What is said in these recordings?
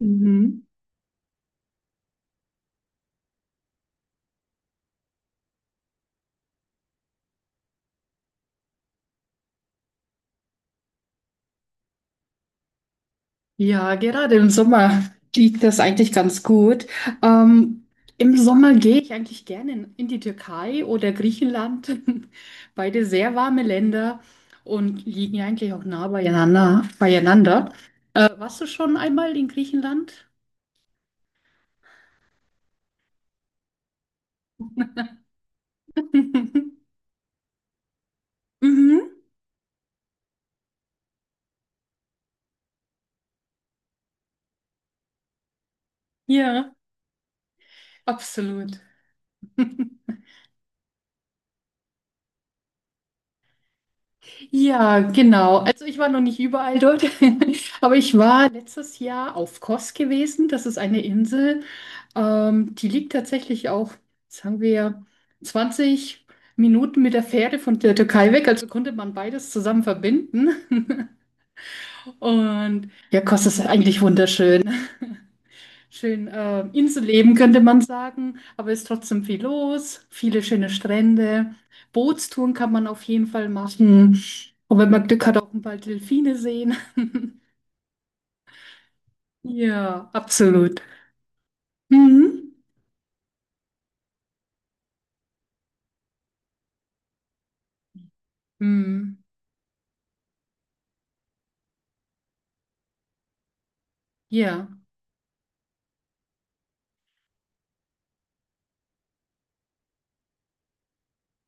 Mhm. Ja, gerade im Sommer liegt das eigentlich ganz gut. Ähm, Im Sommer gehe ich eigentlich gerne in die Türkei oder Griechenland. Beide sehr warme Länder und liegen ja eigentlich auch nah beieinander. Warst du schon einmal in Griechenland? Mhm. Ja, absolut. Ja, genau. Also ich war noch nicht überall dort, aber ich war letztes Jahr auf Kos gewesen. Das ist eine Insel. Die liegt tatsächlich auch, sagen wir, 20 Minuten mit der Fähre von der Türkei weg. Also konnte man beides zusammen verbinden. Und ja, Kos ist eigentlich wunderschön. Schön, Inselleben könnte man sagen, aber ist trotzdem viel los, viele schöne Strände. Bootstouren kann man auf jeden Fall machen. Und wenn man Glück hat, auch ein paar Delfine sehen. Ja, absolut. Mhm. Mhm. Ja.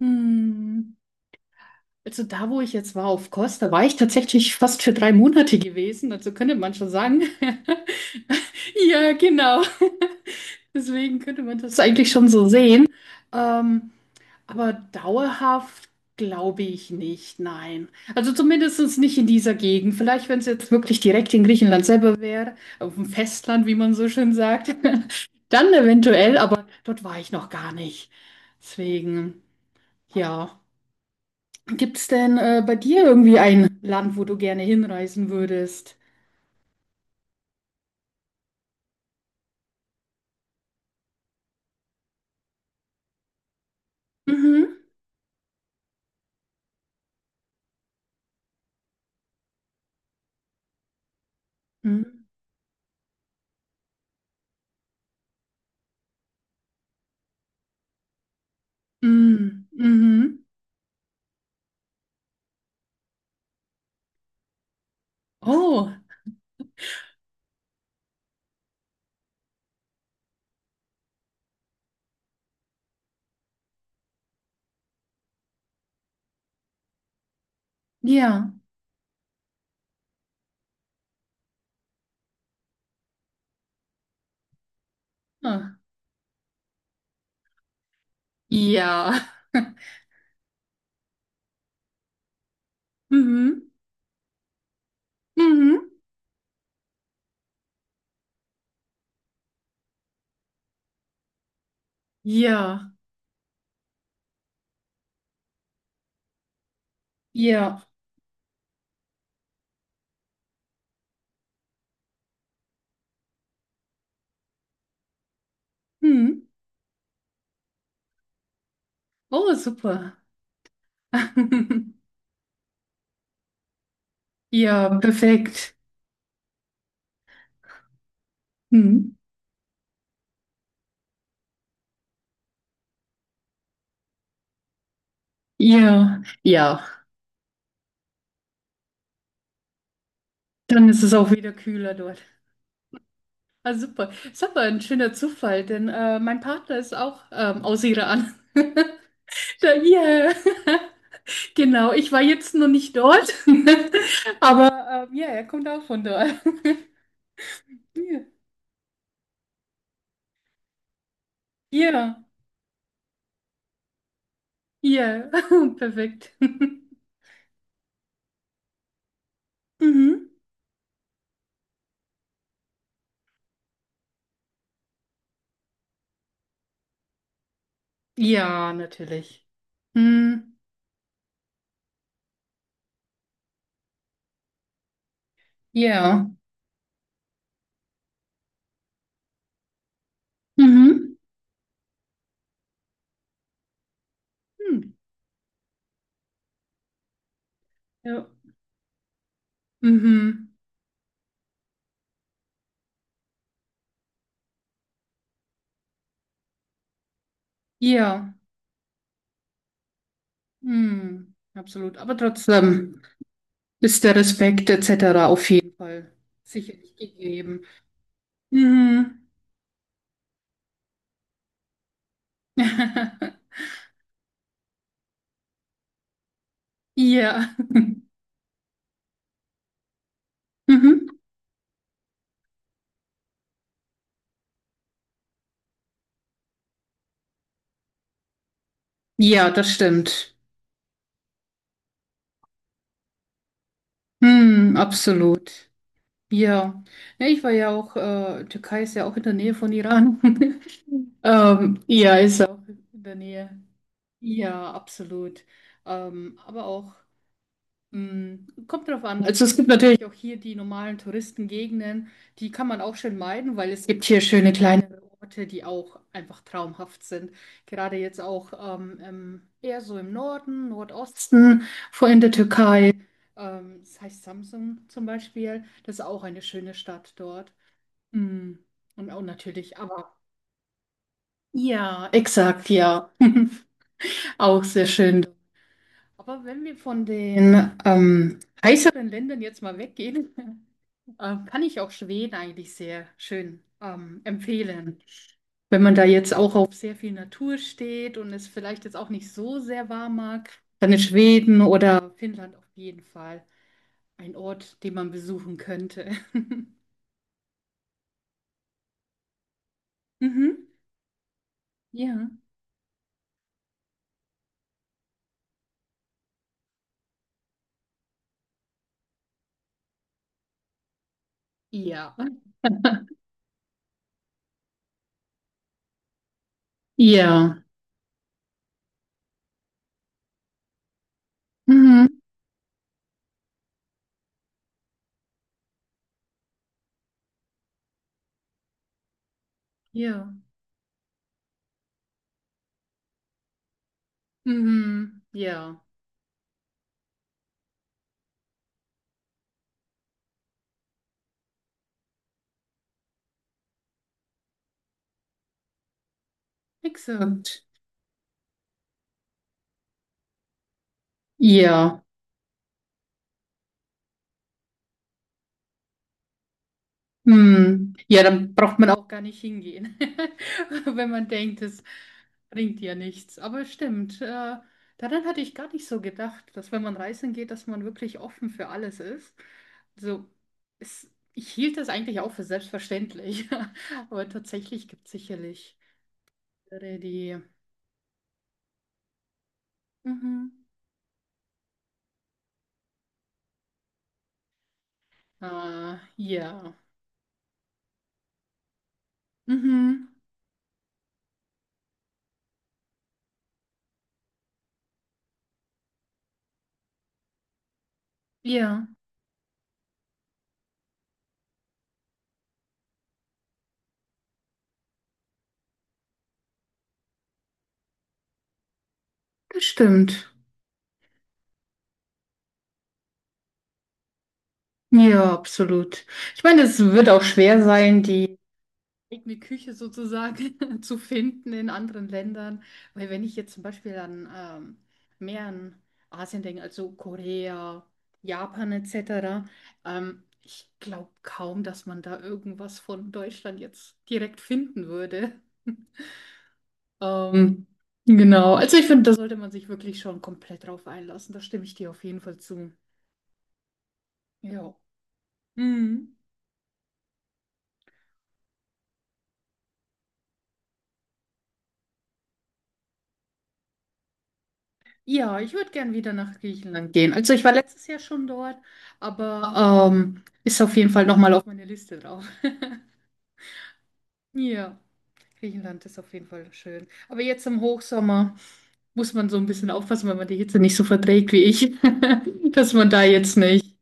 Mhm. Also da, wo ich jetzt war auf Kos, war ich tatsächlich fast für 3 Monate gewesen. Also könnte man schon sagen. Ja, genau. Deswegen könnte man das eigentlich schon so sehen. Ähm, aber dauerhaft glaube ich nicht, nein. Also zumindest nicht in dieser Gegend. Vielleicht, wenn es jetzt wirklich direkt in Griechenland selber wäre, auf dem Festland, wie man so schön sagt, dann eventuell, aber dort war ich noch gar nicht. Deswegen, ja. Gibt es denn bei dir irgendwie ein Land, wo du gerne hinreisen würdest? Mhm. Mhm. Mhm. Mhm. Oh, ja. Ah. Ja. Mhm. Mhm. Ja. Ja. Mhm. Oh, super. Ja, perfekt. Mhm. Ja. Ja. Dann ist es auch wieder kühler dort. Ah, super. Ist aber ein schöner Zufall, denn mein Partner ist auch aus Iran. Da, yeah. Genau, ich war jetzt noch nicht dort, aber ja, er kommt auch von dort. Ja, ja, ja, perfekt. Mhm. Ja, natürlich. Hm. Ja. Mhm. Hm. Ja. Mhm. Ja. Hm. Absolut. Aber trotzdem ist der Respekt etc. auf jeden Fall sicherlich gegeben. Mhm. Ja. Mhm. Ja, das stimmt. Hm, absolut. Ja. Ja, ich war ja auch, Türkei ist ja auch in der Nähe von Iran. Ja, ist ja auch in der Nähe. Ja, absolut. Aber auch. Hm, kommt drauf an. Also es gibt natürlich auch hier die normalen Touristengegenden, die kann man auch schön meiden, weil es gibt hier schöne kleinere Orte, die auch einfach traumhaft sind. Gerade jetzt auch eher so im Norden, Nordosten, vor in der Türkei. Das heißt Samsun zum Beispiel. Das ist auch eine schöne Stadt dort. Hm. Und auch natürlich, aber ja, exakt, ja, auch sehr schön. Aber wenn wir von den heißeren Ländern jetzt mal weggehen, kann ich auch Schweden eigentlich sehr schön empfehlen. Wenn man da jetzt auch auf sehr viel Natur steht und es vielleicht jetzt auch nicht so sehr warm mag, dann ist Schweden oder Finnland auf jeden Fall ein Ort, den man besuchen könnte. Mhm. Ja. Ja. Ja. Mhm. Ja. Mhm. Ja. Exakt. Ja. Hm. Ja, dann braucht man auch gar nicht hingehen, wenn man denkt, es bringt ja nichts. Aber stimmt, daran hatte ich gar nicht so gedacht, dass wenn man reisen geht, dass man wirklich offen für alles ist. So, es, ich hielt das eigentlich auch für selbstverständlich, aber tatsächlich gibt es sicherlich andere, die. Mhm. Ja. Mhm. Ja, das stimmt. Ja, absolut. Ich meine, es wird auch schwer sein, die eigene Küche sozusagen zu finden in anderen Ländern. Weil wenn ich jetzt zum Beispiel an mehr an Asien denke, also Korea, Japan etc., ich glaube kaum, dass man da irgendwas von Deutschland jetzt direkt finden würde. Ähm, genau, also ich finde, da sollte man sich wirklich schon komplett drauf einlassen. Da stimme ich dir auf jeden Fall zu. Ja. Mhm. Ja, ich würde gern wieder nach Griechenland gehen. Also ich war letztes Jahr schon dort, aber ist auf jeden Fall nochmal auf meine Liste drauf. Ja, Griechenland ist auf jeden Fall schön. Aber jetzt im Hochsommer muss man so ein bisschen aufpassen, wenn man die Hitze nicht so verträgt wie ich, dass man da jetzt nicht.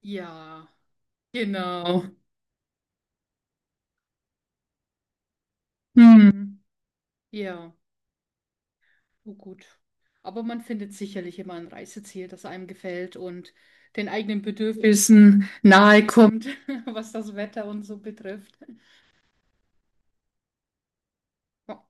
Ja, genau. Hm. Ja, oh gut. Aber man findet sicherlich immer ein Reiseziel, das einem gefällt und den eigenen Bedürfnissen nahe kommt, was das Wetter und so betrifft. Ja.